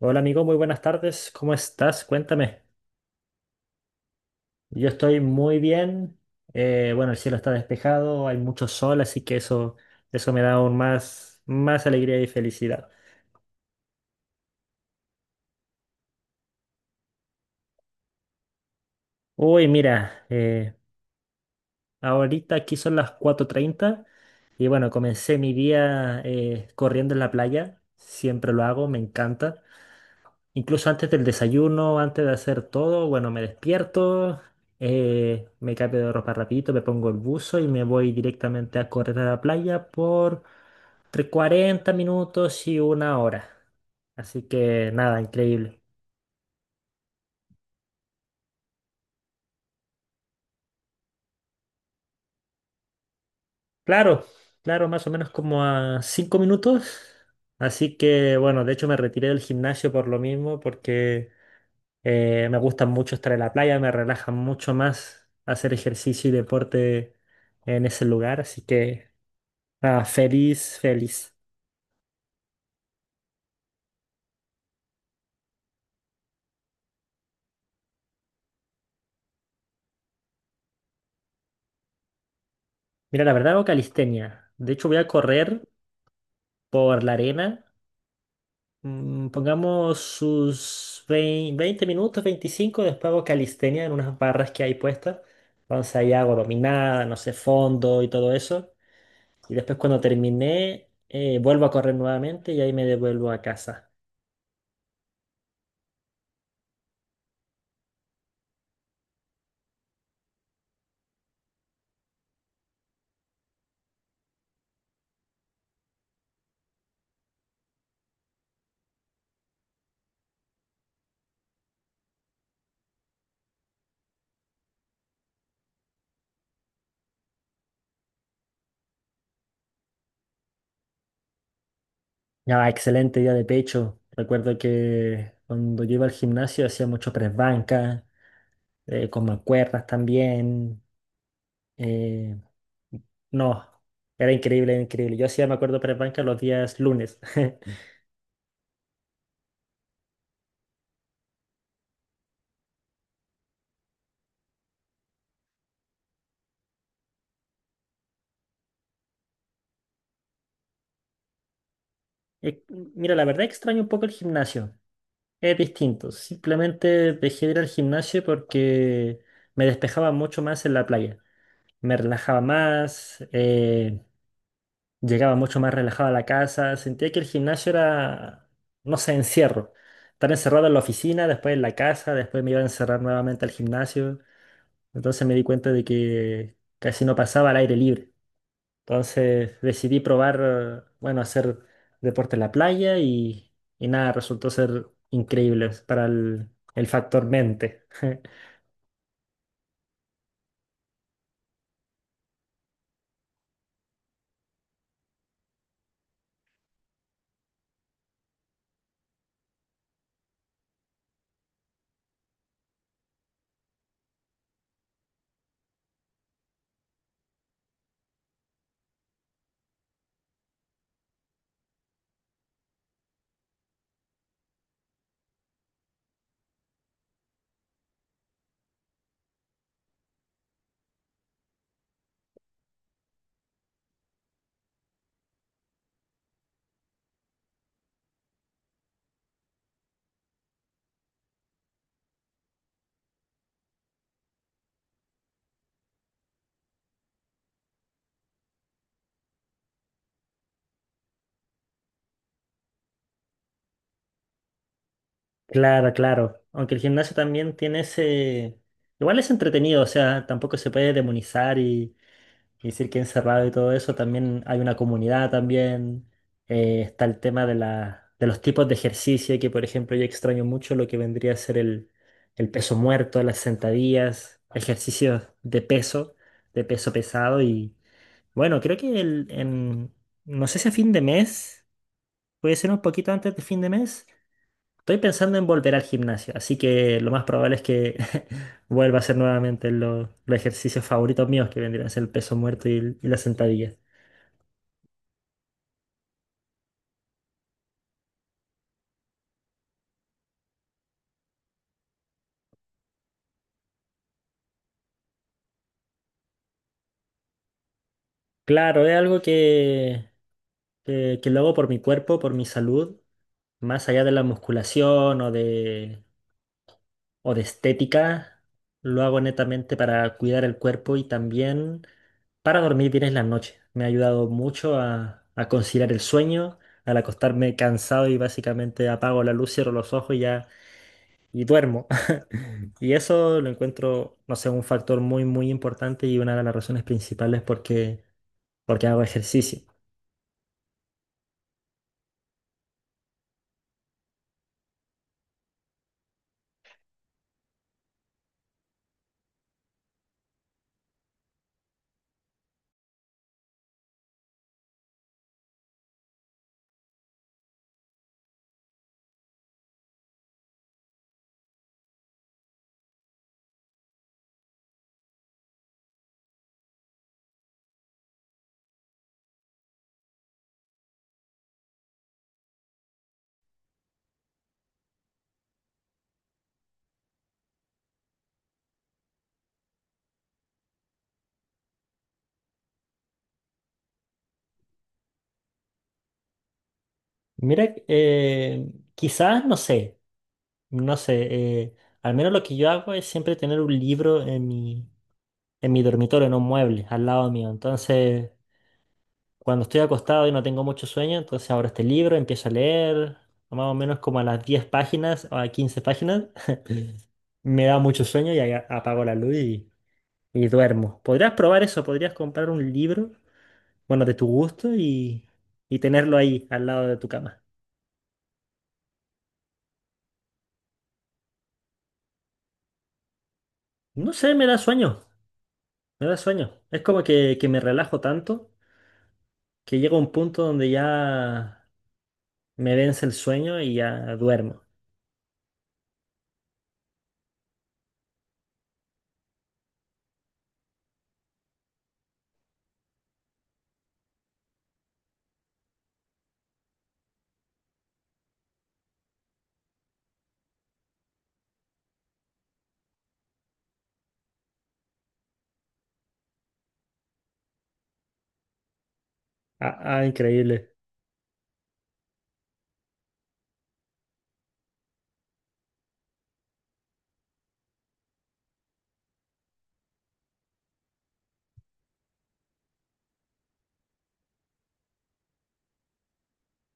Hola amigo, muy buenas tardes. ¿Cómo estás? Cuéntame. Yo estoy muy bien. Bueno, el cielo está despejado, hay mucho sol, así que eso me da aún más, más alegría y felicidad. Uy, mira, ahorita aquí son las 4:30 y bueno, comencé mi día corriendo en la playa. Siempre lo hago, me encanta. Incluso antes del desayuno, antes de hacer todo, bueno, me despierto, me cambio de ropa rapidito, me pongo el buzo y me voy directamente a correr a la playa por entre 40 minutos y una hora. Así que nada, increíble. Claro, claro, más o menos como a 5 minutos. Así que bueno, de hecho me retiré del gimnasio por lo mismo, porque me gusta mucho estar en la playa, me relaja mucho más hacer ejercicio y deporte en ese lugar, así que nada, feliz, feliz. Mira, la verdad hago calistenia. De hecho, voy a correr por la arena. Pongamos sus 20 minutos, 25 después hago calistenia en unas barras que hay puestas. Entonces ahí hago dominada, no sé, fondo y todo eso. Y después cuando terminé, vuelvo a correr nuevamente y ahí me devuelvo a casa. Ya, excelente día de pecho. Recuerdo que cuando yo iba al gimnasio hacía mucho press banca, con mancuernas también. eh, no, era increíble, era increíble. Yo hacía, me acuerdo, press banca los días lunes. Eh, Mira, la verdad extraño un poco el gimnasio. Es distinto. Simplemente dejé de ir al gimnasio porque me despejaba mucho más en la playa. Me relajaba más. Llegaba mucho más relajado a la casa, sentía que el gimnasio era, no sé, encierro. Estar encerrado en la oficina, después en la casa, después me iba a encerrar nuevamente al gimnasio. Entonces me di cuenta de que casi no pasaba al aire libre. Entonces decidí probar, bueno, hacer deporte en la playa y nada, resultó ser increíble para el factor mente. Claro, claro. Aunque el gimnasio también tiene ese. Igual es entretenido, o sea, tampoco se puede demonizar Y decir que encerrado y todo eso, también hay una comunidad también. Está el tema de de los tipos de ejercicio, que por ejemplo yo extraño mucho lo que vendría a ser el peso muerto, las sentadillas, ejercicios de peso pesado. Y bueno, creo que no sé si a fin de mes, puede ser un poquito antes de fin de mes, estoy pensando en volver al gimnasio, así que lo más probable es que vuelva a hacer nuevamente los ejercicios favoritos míos, que vendrían a ser el peso muerto y las sentadillas. Claro, es algo que lo hago por mi cuerpo, por mi salud, más allá de la musculación o o de estética, lo hago netamente para cuidar el cuerpo y también para dormir bien en la noche. Me ha ayudado mucho a conciliar el sueño, al acostarme cansado y básicamente apago la luz, cierro los ojos y ya y duermo. Y eso lo encuentro, no sé, un factor muy, muy importante y una de las razones principales porque hago ejercicio. Mira, quizás, no sé, eh, al menos lo que yo hago es siempre tener un libro en mi dormitorio, en un mueble, al lado mío. Entonces, cuando estoy acostado y no tengo mucho sueño, entonces abro este libro, empiezo a leer, más o menos como a las 10 páginas o a 15 páginas, me da mucho sueño y ahí apago la luz y duermo. Podrías probar eso, podrías comprar un libro, bueno, de tu gusto y tenerlo ahí al lado de tu cama. No sé, me da sueño, me da sueño. Es como que me relajo tanto que llega un punto donde ya me vence el sueño y ya duermo. Ah, ah, increíble.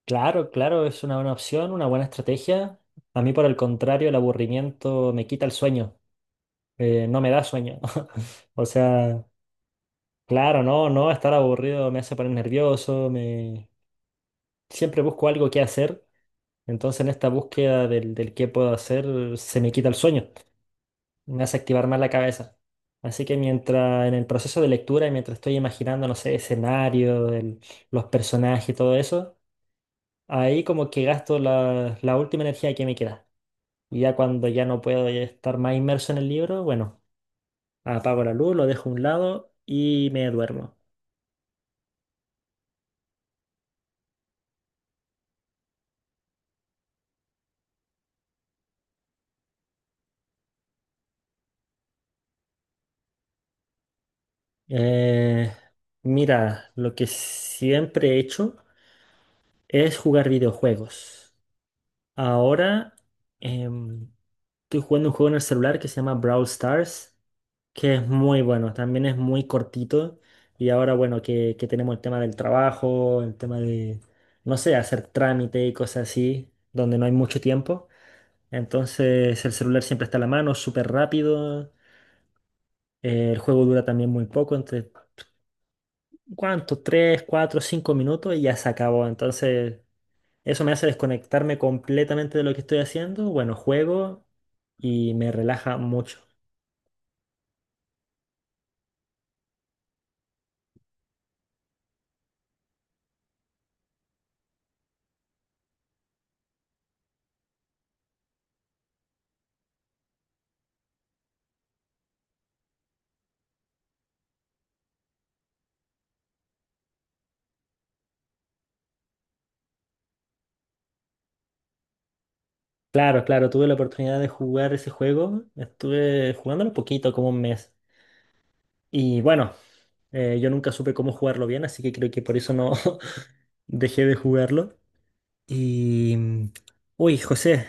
Claro, claro, es una buena opción, una buena estrategia. A mí, por el contrario, el aburrimiento me quita el sueño, no me da sueño. O sea, claro, no, no, estar aburrido me hace poner nervioso, siempre busco algo que hacer, entonces en esta búsqueda del qué puedo hacer se me quita el sueño, me hace activar más la cabeza. Así que mientras en el proceso de lectura, y mientras estoy imaginando, no sé, escenarios, los personajes y todo eso, ahí como que gasto la última energía que me queda. Y ya cuando ya no puedo estar más inmerso en el libro, bueno, apago la luz, lo dejo a un lado y me duermo. Eh, mira, lo que siempre he hecho es jugar videojuegos. Ahora em, estoy jugando un juego en el celular que se llama Brawl Stars, que es muy bueno, también es muy cortito. Y ahora, bueno, que tenemos el tema del trabajo, el tema de, no sé, hacer trámite y cosas así, donde no hay mucho tiempo. Entonces el celular siempre está a la mano, súper rápido. El juego dura también muy poco, entre, ¿cuánto? Tres, 4, 5 minutos y ya se acabó. Entonces eso me hace desconectarme completamente de lo que estoy haciendo. Bueno, juego y me relaja mucho. Claro, claro, tuve la oportunidad de jugar ese juego. Estuve jugándolo poquito, como un mes. Y bueno, yo nunca supe cómo jugarlo bien, así que creo que por eso no dejé de jugarlo. Y... mm, Uy, José,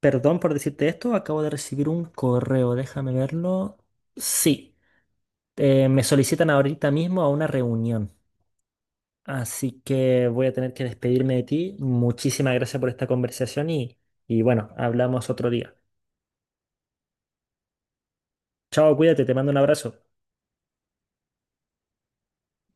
perdón por decirte esto. Acabo de recibir un correo, déjame verlo. Sí, me solicitan ahorita mismo a una reunión. Así que voy a tener que despedirme de ti. Muchísimas gracias por esta conversación y bueno, hablamos otro día. Chao, cuídate, te mando un abrazo.